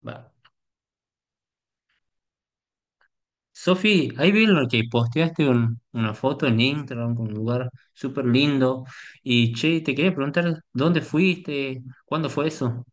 Va. Sofi, ahí vi lo que posteaste una foto en Instagram con un lugar súper lindo. Y che, te quería preguntar dónde fuiste, cuándo fue eso.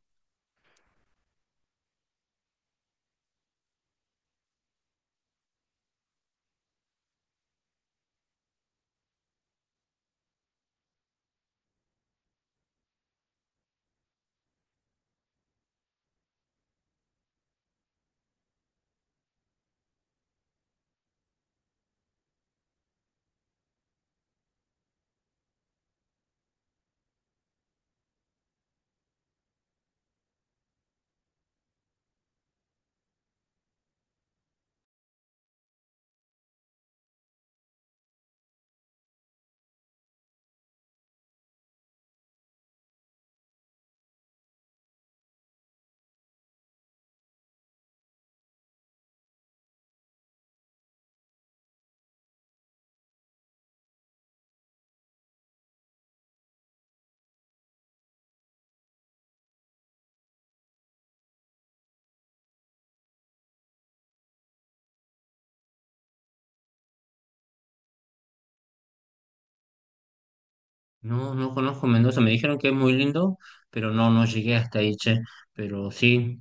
No, no conozco Mendoza, me dijeron que es muy lindo, pero no, no llegué hasta ahí, che. Pero sí,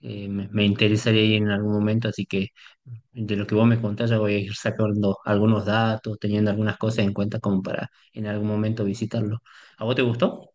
me interesaría ir en algún momento, así que de lo que vos me contás ya voy a ir sacando algunos datos, teniendo algunas cosas en cuenta como para en algún momento visitarlo. ¿A vos te gustó?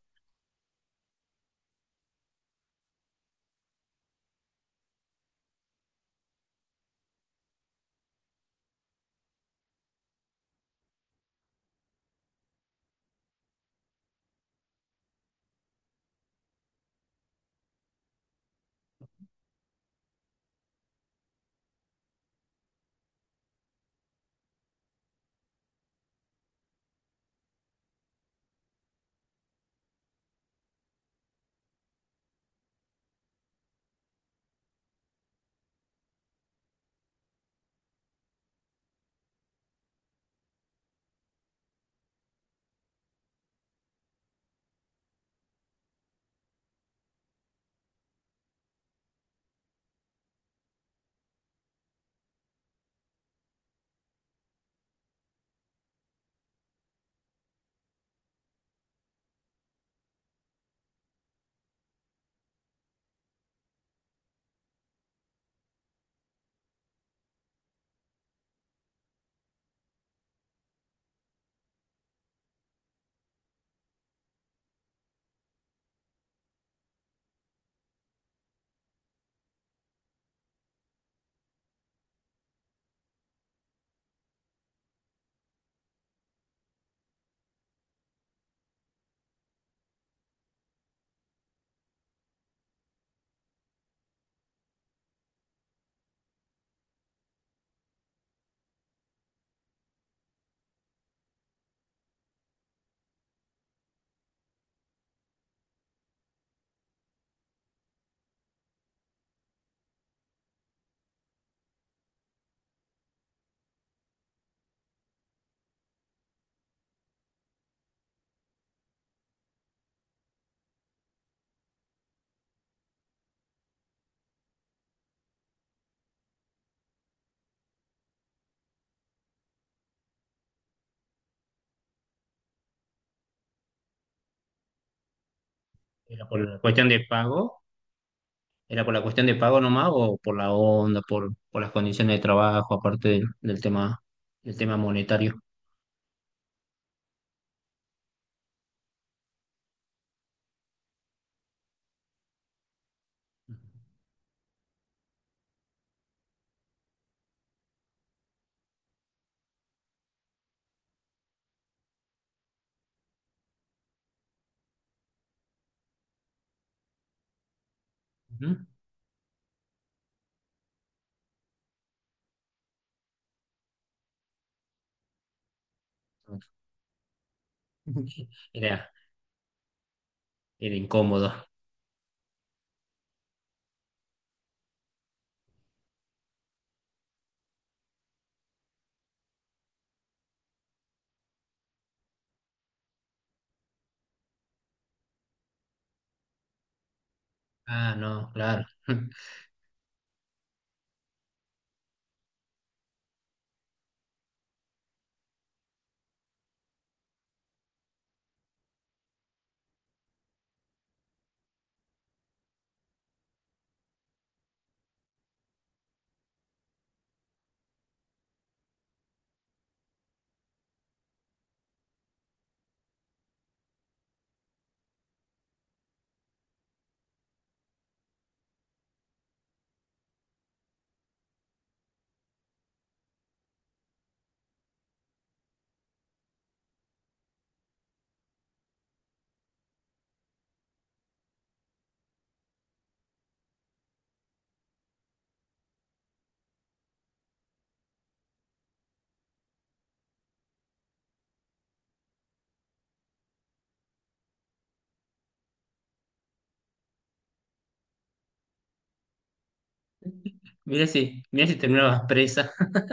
Por la cuestión de pago. ¿Era por la cuestión de pago nomás o por la onda, por las condiciones de trabajo, aparte del tema monetario? Ujú. Era, era incómodo. Ah, no, claro. Mira si terminabas presa.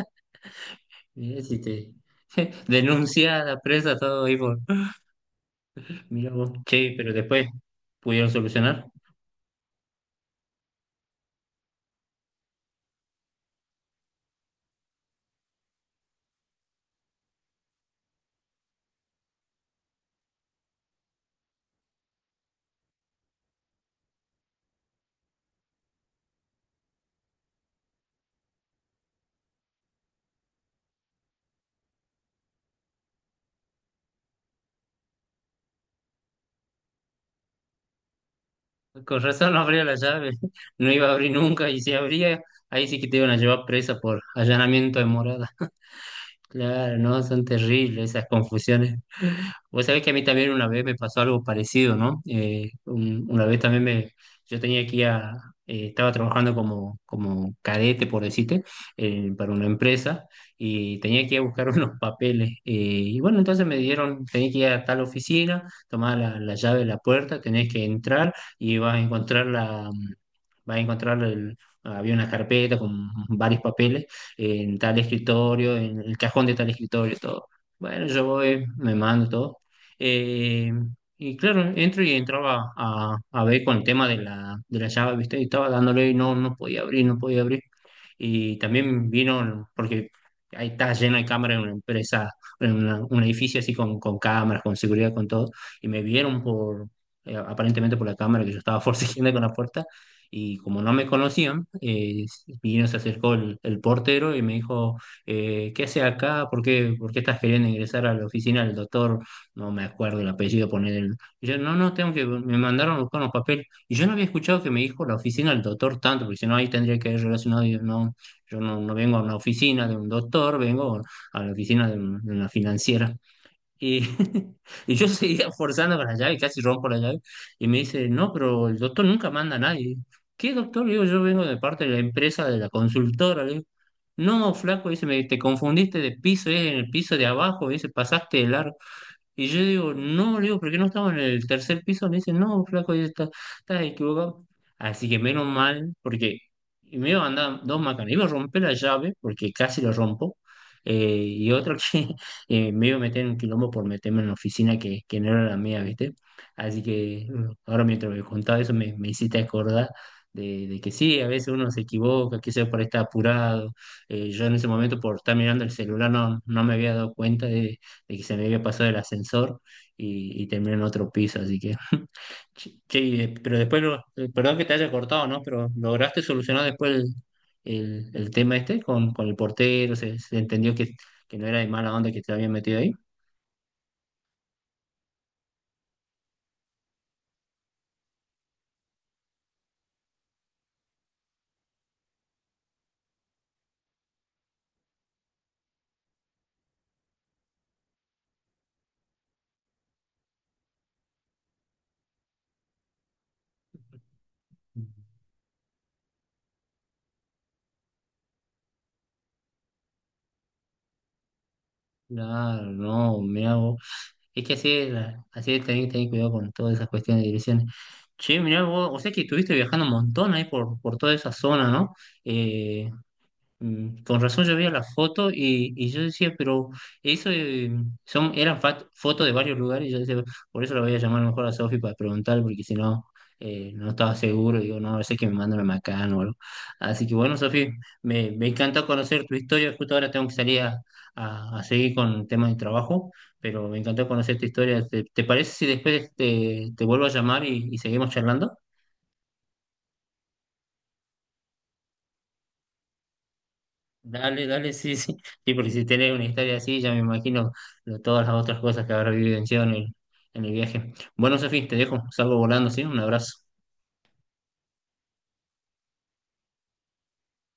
Mira si te denunciada, presa, todo ahí por. Mira vos, che, pero después pudieron solucionar. Con razón no abría la llave, no iba a abrir nunca, y si abría, ahí sí que te iban a llevar presa por allanamiento de morada. Claro, no, son terribles esas confusiones. Vos sabés que a mí también una vez me pasó algo parecido, ¿no? Una vez también me, yo tenía que ir a, estaba trabajando como cadete, por decirte, para una empresa y tenía que ir a buscar unos papeles. Y bueno, entonces me dieron, tenía que ir a tal oficina, tomar la llave de la puerta, tenés que entrar y vas a encontrar vas a encontrar, había una carpeta con varios papeles en tal escritorio, en el cajón de tal escritorio, todo. Bueno, yo voy, me mando todo. Eh, y claro, entro y entraba a ver con el tema de de la llave, ¿viste? Y estaba dándole y no, no podía abrir, no podía abrir y también vino, porque ahí está lleno de cámaras en una empresa, un edificio así con cámaras, con seguridad, con todo, y me vieron por, aparentemente por la cámara que yo estaba forcejeando con la puerta, y como no me conocían, vino, se acercó el portero y me dijo, ¿qué hace acá? Por qué estás queriendo ingresar a la oficina del doctor? No me acuerdo el apellido, poner el... Y yo, no, no, tengo que, me mandaron a buscar unos papeles. Y yo no había escuchado que me dijo la oficina del doctor tanto, porque si no ahí tendría que haber relacionado, y yo no, no vengo a una oficina de un doctor, vengo a la oficina de, de una financiera. Y, y yo seguía forzando con la llave, casi rompo la llave, y me dice, no, pero el doctor nunca manda a nadie. ¿Qué doctor? Le digo, yo vengo de parte de la empresa, de la consultora. Le digo, no, flaco, dice, te confundiste de piso, es en el piso de abajo, dice, pasaste el largo. Y yo digo, no, le digo, ¿por qué no estamos en el tercer piso? Me dice, no, flaco, ahí está, estás equivocado. Así que menos mal, porque y me iba a andar dos macanas. Iba a romper la llave, porque casi lo rompo. eh, y otra que me iba a meter en un quilombo por meterme en la oficina que no era la mía, ¿viste? Así que ahora mientras me contaba eso me, me hiciste acordar de que sí, a veces uno se equivoca, quizás por estar apurado. Yo en ese momento por estar mirando el celular no, no me había dado cuenta de y se me había pasado el ascensor y terminé en otro piso, así que, che, che, pero después, perdón que te haya cortado, ¿no? Pero lograste solucionar después el, el tema este con el portero, se entendió que no era de mala onda que te habían metido ahí. Claro, no, me hago. Es que así es, así es, tenés que tener cuidado con todas esas cuestiones de direcciones. Che, mirá vos, o sea que estuviste viajando un montón ahí por toda esa zona, ¿no? Eh, Con razón yo veía la foto y yo decía, pero eso son, fotos de varios lugares y yo decía, por eso la voy a llamar mejor a Sofi para preguntar, porque si no, no estaba seguro, digo, no, a ver si es que me mandan a Macán o algo. Así que bueno, Sofi, me encantó conocer tu historia, justo ahora tengo que salir a, a seguir con temas de trabajo, pero me encantó conocer tu historia. ¿Te, te parece si después te, te vuelvo a llamar y seguimos charlando? Dale, dale, sí, sí. Sí, porque si tenés una historia así, ya me imagino todas las otras cosas que habrá vivenciado en el viaje. Bueno, Sofía, te dejo, salgo volando, ¿sí? Un abrazo.